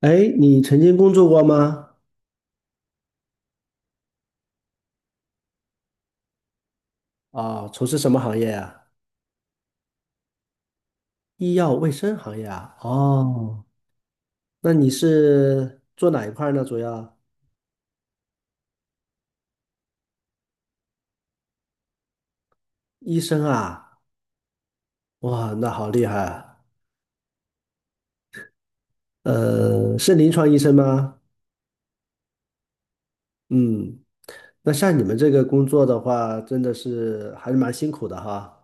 哎，你曾经工作过吗？啊、从事什么行业啊？医药卫生行业啊？哦，那你是做哪一块儿呢？主要医生啊？哇，那好厉害啊！是临床医生吗？嗯，那像你们这个工作的话，真的是还是蛮辛苦的哈。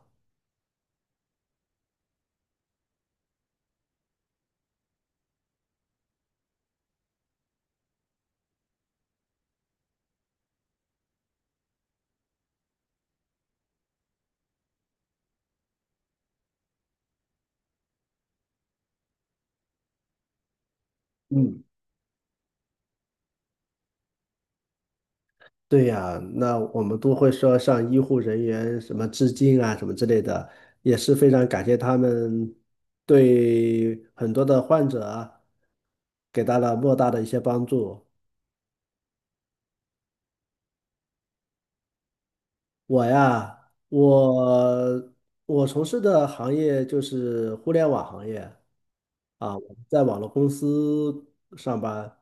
嗯。对呀，那我们都会说向医护人员什么致敬啊，什么之类的，也是非常感谢他们对很多的患者啊给到了莫大的一些帮助。我呀，我从事的行业就是互联网行业啊，我在网络公司上班，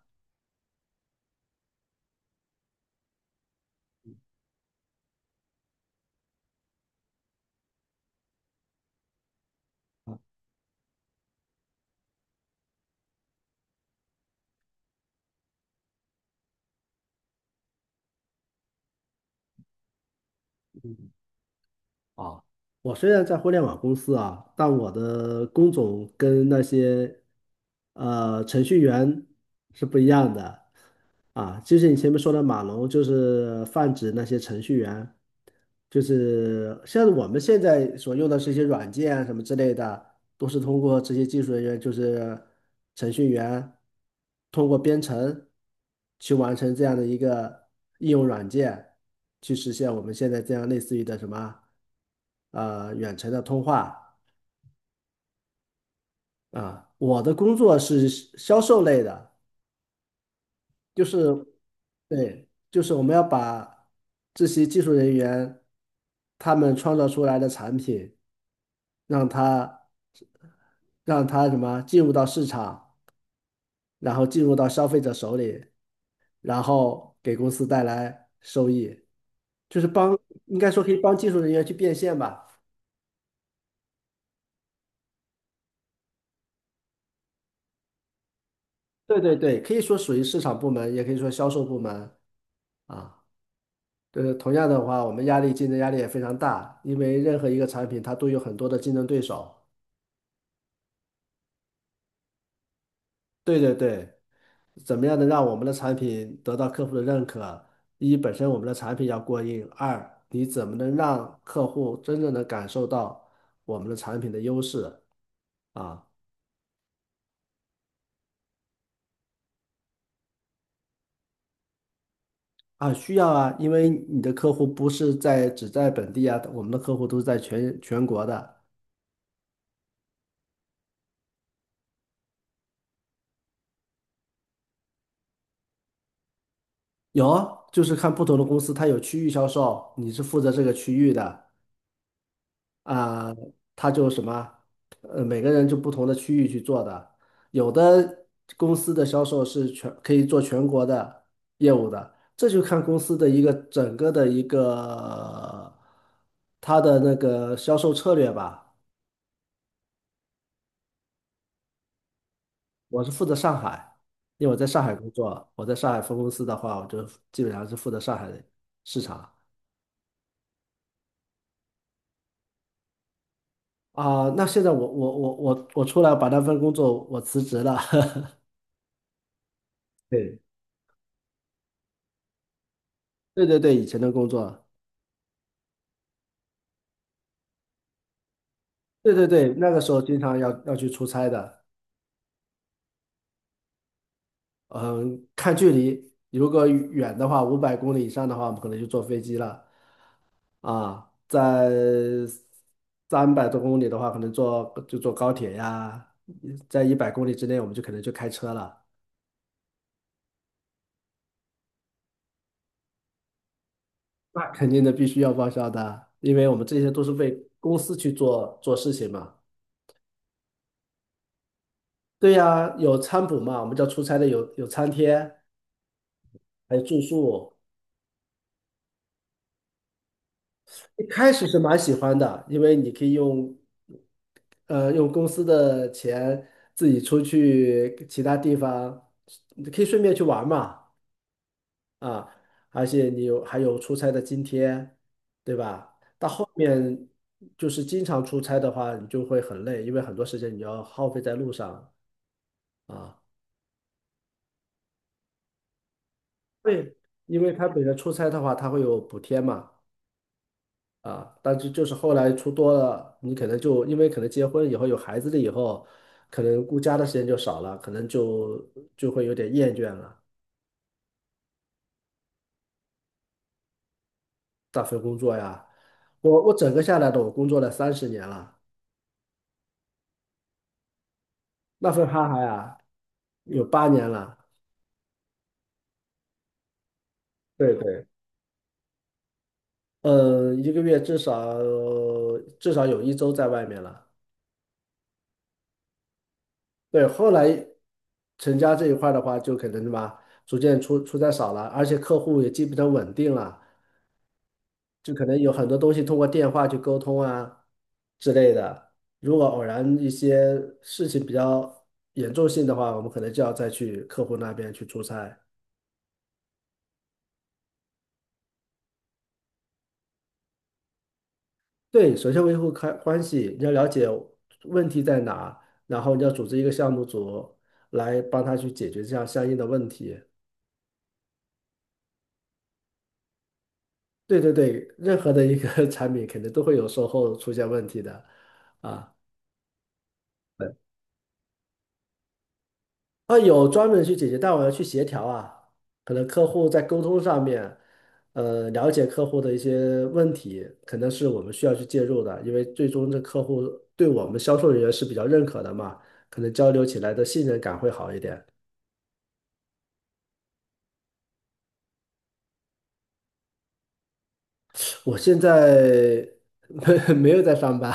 啊，我虽然在互联网公司啊，但我的工种跟那些程序员是不一样的。啊，就是你前面说的马龙，就是泛指那些程序员，就是像我们现在所用的这些软件啊什么之类的，都是通过这些技术人员，就是程序员，通过编程去完成这样的一个应用软件，去实现我们现在这样类似于的什么，远程的通话啊。我的工作是销售类的。就是对，就是我们要把这些技术人员他们创造出来的产品，让他让他什么进入到市场，然后进入到消费者手里，然后给公司带来收益，就是帮，应该说可以帮技术人员去变现吧。对对对，可以说属于市场部门，也可以说销售部门啊。就是同样的话，我们竞争压力也非常大，因为任何一个产品它都有很多的竞争对手。对对对，怎么样能让我们的产品得到客户的认可？一，本身我们的产品要过硬；二，你怎么能让客户真正的感受到我们的产品的优势啊？啊，需要啊，因为你的客户不是在只在本地啊，我们的客户都是在全国的。有啊，就是看不同的公司，它有区域销售，你是负责这个区域的。啊，他就什么，呃，每个人就不同的区域去做的，有的公司的销售是全可以做全国的业务的，这就看公司的一个整个的一个它的那个销售策略吧。我是负责上海，因为我在上海工作，我在上海分公司的话，我就基本上是负责上海的市场啊。那现在我出来把那份工作我辞职了，对对对对，以前的工作。对对对，那个时候经常要去出差的，嗯，看距离，如果远的话，500公里以上的话，我们可能就坐飞机了啊，在300多公里的话，可能就坐高铁呀，在100公里之内，我们就可能就开车了，那肯定的，必须要报销的，因为我们这些都是为公司去做事情嘛。对呀，有餐补嘛，我们叫出差的有餐贴，还有住宿。一开始是蛮喜欢的，因为你可以用，呃，用公司的钱自己出去其他地方，你可以顺便去玩嘛，啊，而且你还有出差的津贴，对吧？到后面就是经常出差的话，你就会很累，因为很多时间你要耗费在路上啊。对，因为他本身出差的话，他会有补贴嘛。啊，但是就是后来出多了，你可能就因为可能结婚以后有孩子了以后，可能顾家的时间就少了，可能就就会有点厌倦了。那份工作呀，我整个下来的我工作了30年了，那份哈哈呀，有8年了，对对，嗯一个月至少有一周在外面了。对，后来成家这一块儿的话，就可能什么逐渐在少了，而且客户也基本上稳定了。就可能有很多东西通过电话去沟通啊之类的。如果偶然一些事情比较严重性的话，我们可能就要再去客户那边去出差。对，首先维护开关系，你要了解问题在哪，然后你要组织一个项目组来帮他去解决这样相应的问题。对对对，任何的一个 产品肯定都会有售后出现问题的啊。对。啊，有专门去解决，但我要去协调啊，可能客户在沟通上面，了解客户的一些问题，可能是我们需要去介入的，因为最终这客户对我们销售人员是比较认可的嘛，可能交流起来的信任感会好一点。我现在 没有在上班，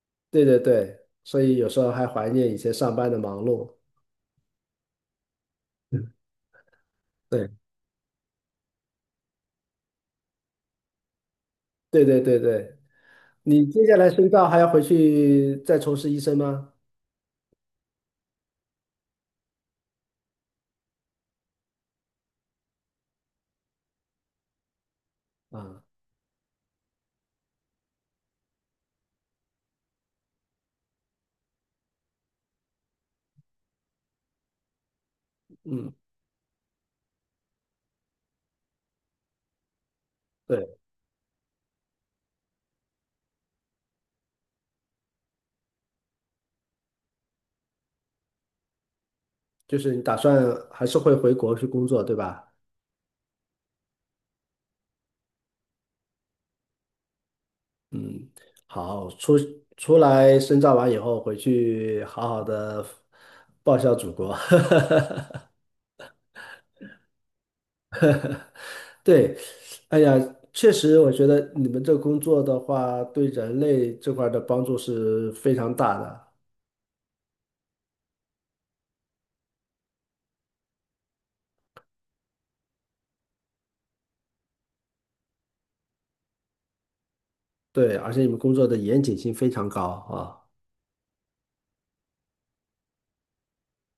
对对对，所以有时候还怀念以前上班的忙碌。嗯，对对对对对，你接下来深造还要回去再从事医生吗？啊，嗯。对。就是你打算还是会回国去工作，对吧？嗯，好，出来深造完以后，回去好好的报效祖国。对，哎呀，确实，我觉得你们这工作的话，对人类这块儿的帮助是非常大的。对，而且你们工作的严谨性非常高啊。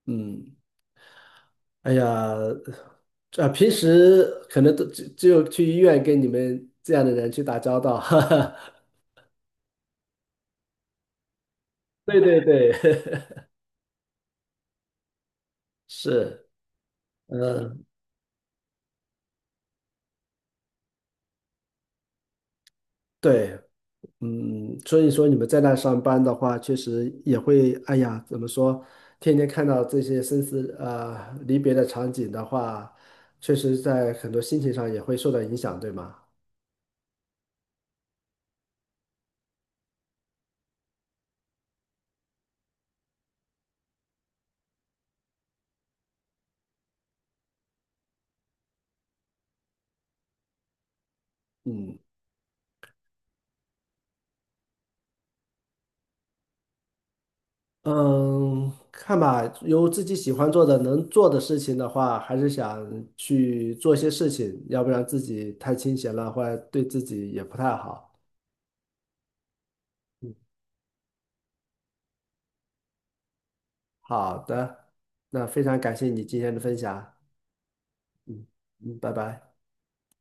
嗯，哎呀，啊，平时可能都只有去医院跟你们这样的人去打交道。对对对，是，嗯，对，嗯，所以说你们在那上班的话，确实也会，哎呀，怎么说，天天看到这些生死离别的场景的话，确实在很多心情上也会受到影响，对吗？嗯嗯，看吧，有自己喜欢做的、能做的事情的话，还是想去做些事情，要不然自己太清闲了，或者对自己也不太好。嗯，好的，那非常感谢你今天的分享。嗯嗯，拜拜。